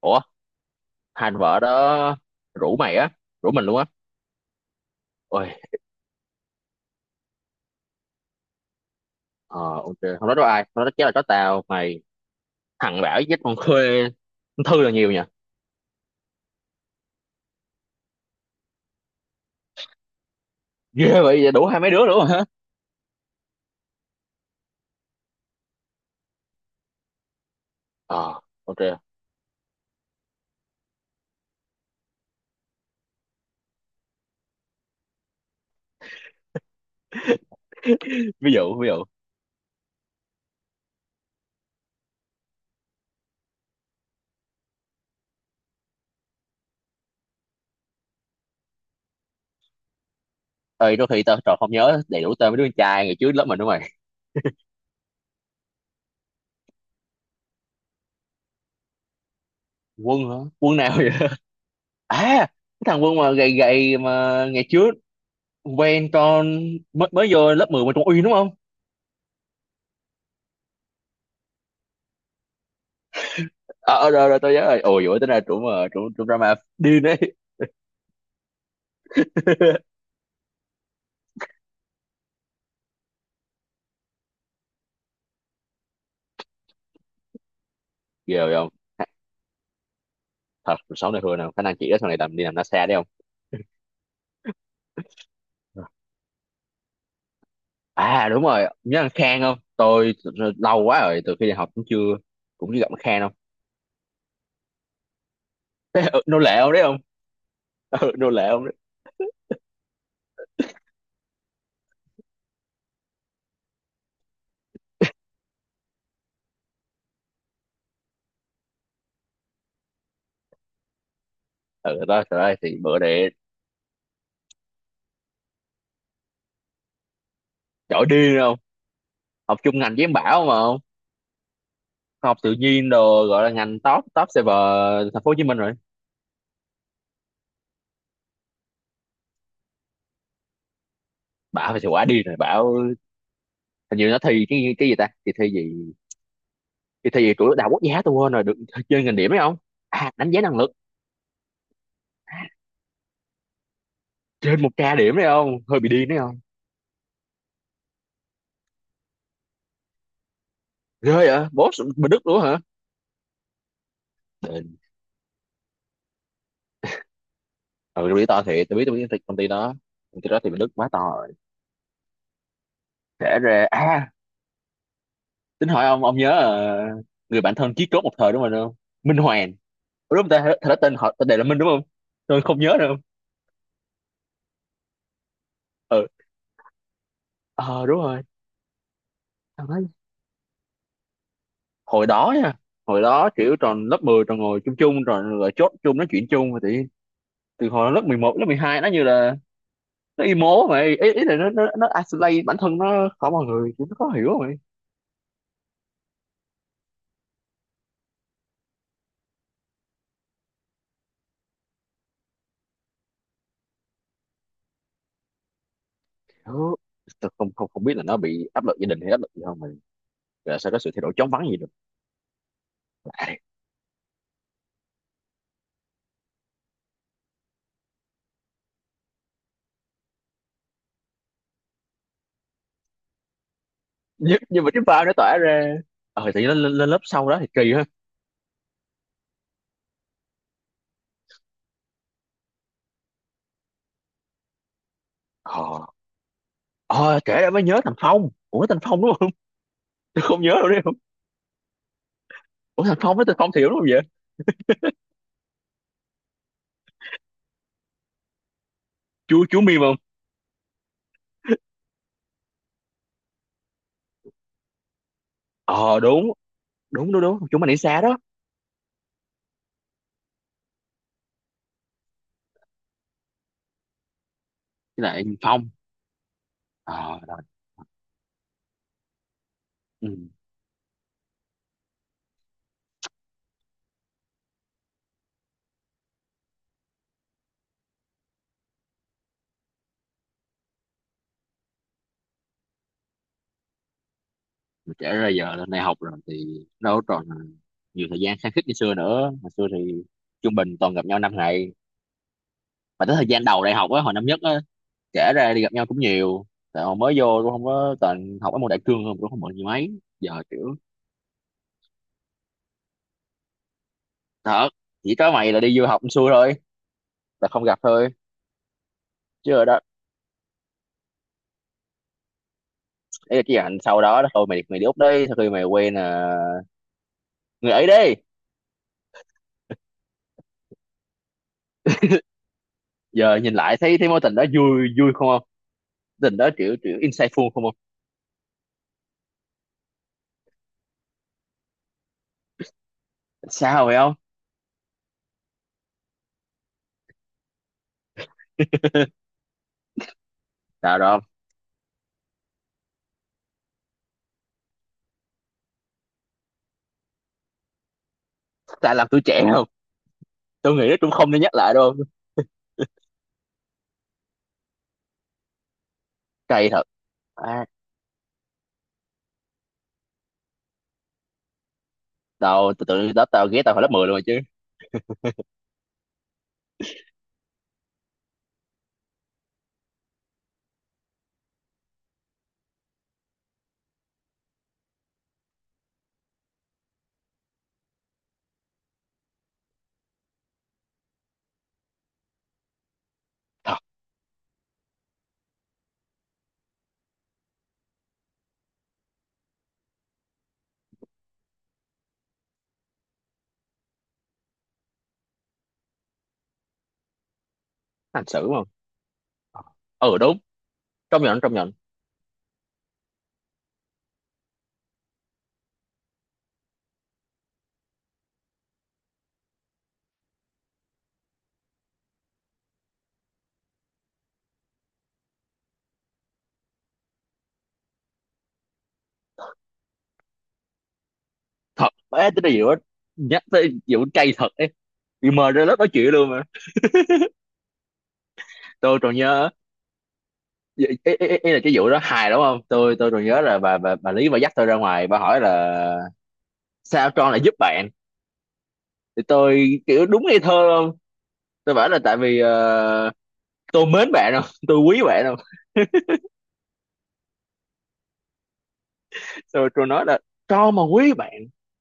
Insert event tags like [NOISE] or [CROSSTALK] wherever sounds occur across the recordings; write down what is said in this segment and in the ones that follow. Ủa, hai anh vợ đó rủ mày á? Rủ mình luôn á? Ôi, ờ, ok, không nói đó ai không nói đó chắc là có tao mày, thằng bảo với con Khuê, con Thư là nhiều nha. Ghê vậy đủ hai mấy đứa luôn hả? Ờ, ok. [LAUGHS] Ví dụ, ví dụ. Ơi, đôi khi tao trò không nhớ đầy đủ tên mấy đứa con trai ngày trước lớp mình đúng mày? Quân hả? Quân nào vậy? À, cái thằng Quân mà gầy gầy mà ngày trước quen con, mới mới vô lớp 10 mà trong uy đúng không? Ờ à, rồi rồi tao nhớ rồi, ôi dồi ôi, tính ra trụ mà trụ trụ drama điên đấy. [LAUGHS] Ghê không. Thật sáu này hư nào, khả năng chị đó sau này làm đi làm lái xe đấy không. À đúng rồi, nhớ anh Khang không tôi, lâu quá rồi từ khi đi học cũng chưa, cũng chưa gặp anh Khang không. Thế, [LAUGHS] ừ, nô lệ không đấy không. Ừ, nô lệ không đấy. Ừ đó, trời ơi thì bữa để. Giỏi điên không. Học chung ngành với em Bảo mà không. Học tự nhiên đồ gọi là ngành top, top server. Thành phố Hồ Chí Minh rồi. Bảo phải quá điên rồi Bảo. Hình như nó thi cái gì ta, thì thi gì, thì thi gì của đại học quốc gia tôi quên rồi được. Chơi ngành điểm đấy không. À, đánh giá năng lực. Trên một k điểm đấy không, hơi bị điên đấy không. Ghê vậy, boss bên Đức luôn hả? Đền. Ừ, tôi biết to thiệt, tôi biết cái công ty đó, công ty đó thì bên Đức quá to rồi. Kể ra à, tính hỏi ông nhớ người bạn thân chí cốt một thời đúng không không. Minh Hoàng. Ủa đúng không ta, thật ra tên họ tên đề là Minh đúng không, tôi không nhớ đâu. Ừ. Ờ đúng rồi. Tao nói, hồi đó nha, hồi đó kiểu tròn lớp 10 tròn ngồi chung, chung rồi rồi chốt chung nói chuyện chung rồi thì từ hồi lớp 11 lớp 12 nó như là nó emo mày ý, ý là nó nó isolate bản thân nó khỏi mọi người kiểu nó khó hiểu. Đó, tôi không không không biết là nó bị áp lực gia đình hay áp lực gì không, mà là sao có sự thay đổi chóng vánh gì được. Lạ. Nhưng mà cái pha nó tỏa ra, ờ thì lên, lên lớp sau đó thì kỳ ha. Ờ. Ờ kể ra mới nhớ thằng Phong, ủa thằng Phong đúng không? [LAUGHS] Tôi không nhớ đâu đấy không. Ủa thằng Phong với thằng Phong Thiểu đúng không vậy? Chú Mim không. Ờ đúng, đúng đúng chúng mình đi xa đó. Với lại Phong. Ờ rồi. Ừ. Mà kể ra giờ lên đại học rồi thì đâu còn nhiều thời gian khăng khít như xưa nữa, hồi xưa thì trung bình toàn gặp nhau năm ngày. Mà tới thời gian đầu đại học á, hồi năm nhất á, kể ra đi gặp nhau cũng nhiều, tại hồi mới vô cũng không có, toàn học ở môn đại cương không, cũng không mượn gì mấy giờ kiểu. Thật, chỉ có mày là đi du học xui thôi, là không gặp thôi. Chứ rồi đó, ấy là cái hành sau đó đó thôi, mày mày đi Úc đi sau khi mày quen người ấy đi. Giờ nhìn lại thấy thấy mối tình đó vui vui không không, tình đó kiểu kiểu insightful không không. Sao vậy không. [LAUGHS] Sao đâu. Tại làm tuổi trẻ không. Tôi nghĩ nó cũng không nên nhắc lại đâu. Cay thật. À, tao tự tự đó tao ghé tao hồi lớp 10 luôn rồi chứ. Hành xử không. Ừ đúng, trong nhận, trong nhận. Thật bé tính điều á, nhắc tới vụ cay thật ấy, bị mời ra lớp nói chuyện luôn mà. Tôi còn nhớ, ý là cái vụ đó hài đúng không, tôi còn nhớ là bà, bà Lý bà dắt tôi ra ngoài bà hỏi là sao Tron lại giúp bạn, thì tôi kiểu đúng ngây thơ luôn, tôi bảo là tại vì tôi mến bạn không, tôi quý bạn không. Rồi tôi nói là, cho mà quý bạn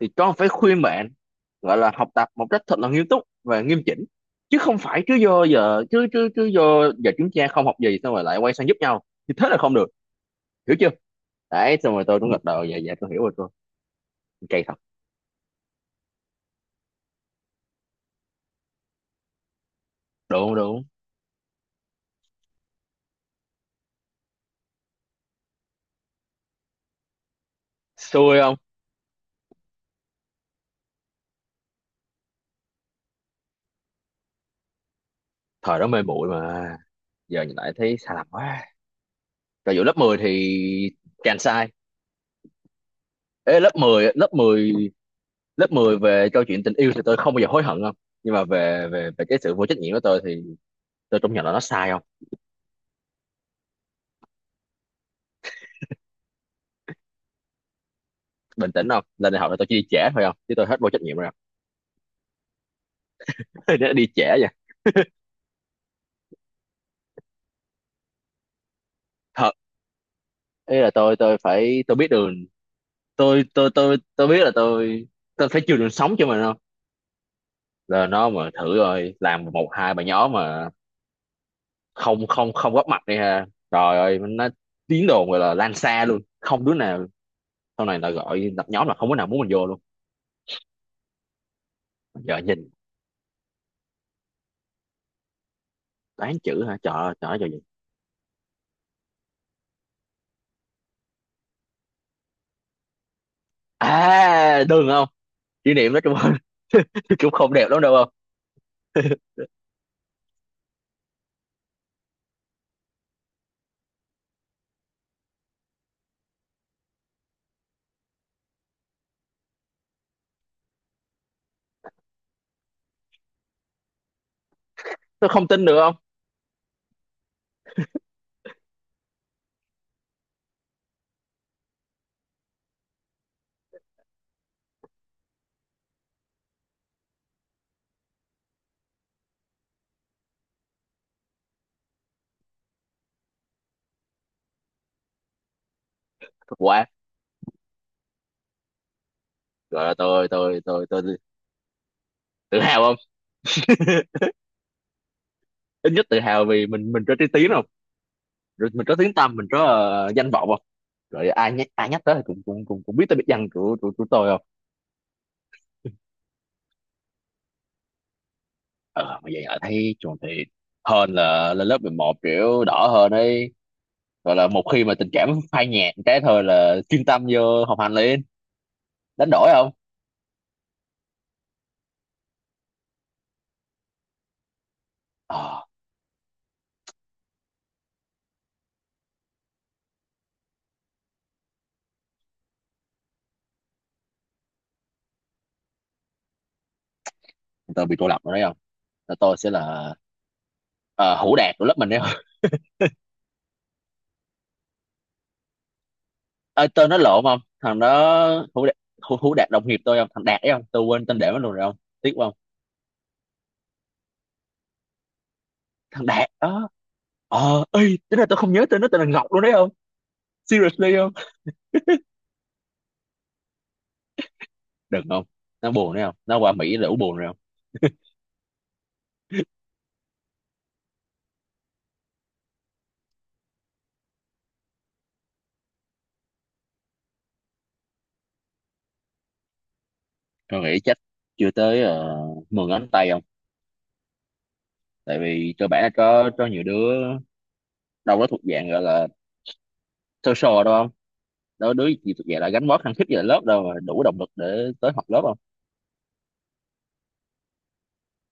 thì con phải khuyên bạn gọi là học tập một cách thật là nghiêm túc và nghiêm chỉnh, chứ không phải cứ do giờ chứ chứ chứ do giờ chúng ta không học gì xong rồi lại quay sang giúp nhau thì thế là không được, hiểu chưa. Đấy xong rồi tôi cũng gật đầu dạ dạ tôi hiểu rồi tôi. Cây thật. Đúng, đúng. Xui không. Thời đó mê muội mà, giờ nhìn lại thấy sai lầm quá. Rồi vụ lớp 10 thì càng sai. Ê, lớp 10 lớp 10 về câu chuyện tình yêu thì tôi không bao giờ hối hận không, nhưng mà về về về cái sự vô trách nhiệm của tôi thì tôi công nhận là nó sai không. Bình tĩnh không, lên đại học là tôi chỉ đi trễ thôi không, chứ tôi hết vô trách nhiệm rồi. Không, [LAUGHS] nó đi trễ vậy. Thật, ý là tôi phải, tôi biết đường, tôi biết là tôi phải chừa đường sống cho mình không, là nó mà thử rồi làm một hai bài nhỏ mà không không không góp mặt đi ha, trời ơi, nó tiếng đồn gọi là lan xa luôn không, đứa nào sau này là gọi lập nhóm là không có nào muốn mình vô luôn. Giờ nhìn, toán chữ hả, trời ơi, trời ơi, trời gì. À đừng không, kỷ niệm đó chung, [LAUGHS] cũng không đẹp lắm đâu không. Tôi không tin được không. Quá. Rồi tôi tự hào không, ít nhất tự hào vì mình có trí tiếng không. Rồi mình có tiếng tăm, mình có danh vọng không, rồi ai nhắc, tới thì cũng cũng cũng cũng biết tới biệt danh của tôi không. Ờ mà vậy là thấy chuẩn thì, hơn là lên lớp 11 kiểu đỏ hơn ấy, gọi là một khi mà tình cảm phai nhạt cái thôi là chuyên tâm vô học hành liền. Đánh đổi không. Ờ tôi bị cô lập rồi đấy không, là tôi sẽ là ờ, hủ đạt của lớp mình đấy. Ê, tên nó lộn không, thằng đó hữu đạt, hữu đạt đồng nghiệp tôi không, thằng đạt ấy không, tôi quên tên để nó luôn rồi không. Tiếc không. Thằng đạt đó. Ờ ê, tính là tôi không nhớ tên nó tên là Ngọc luôn đấy không, seriously không. Đừng không, nó buồn đấy không, nó qua Mỹ là ủ buồn rồi không. Tôi nghĩ chắc chưa tới 10 ngón tay không, tại vì cơ bản là có nhiều đứa đâu đó thuộc dạng gọi là social đâu không, đó đứa gì thuộc dạng là gánh vác khăng khít về lớp đâu mà đủ động lực để tới học lớp không.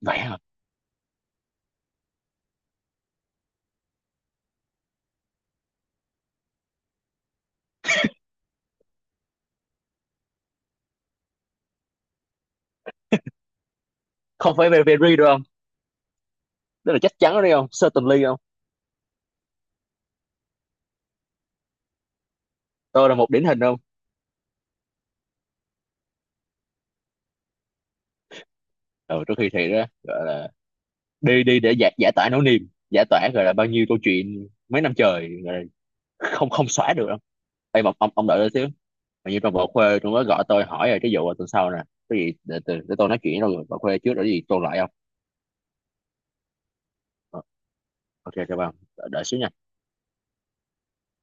Vậy hả, không phải very, very đâu không, tức là chắc chắn đấy không, certainly không. Tôi là một điển hình không. Ừ, trước khi thi đó gọi là đi, đi để giải, giải tỏa nỗi niềm, giải tỏa gọi là bao nhiêu câu chuyện mấy năm trời gọi là không không xóa được đâu. Ê, mà ông, đợi tôi xíu, hình như trong bộ khuê tôi mới gọi tôi hỏi rồi cái vụ tuần sau nè, cái gì để tôi nói chuyện với rồi bộ khuê trước rồi cái gì tôi lại không. Ờ, ok cho bạn đợi, xíu nha.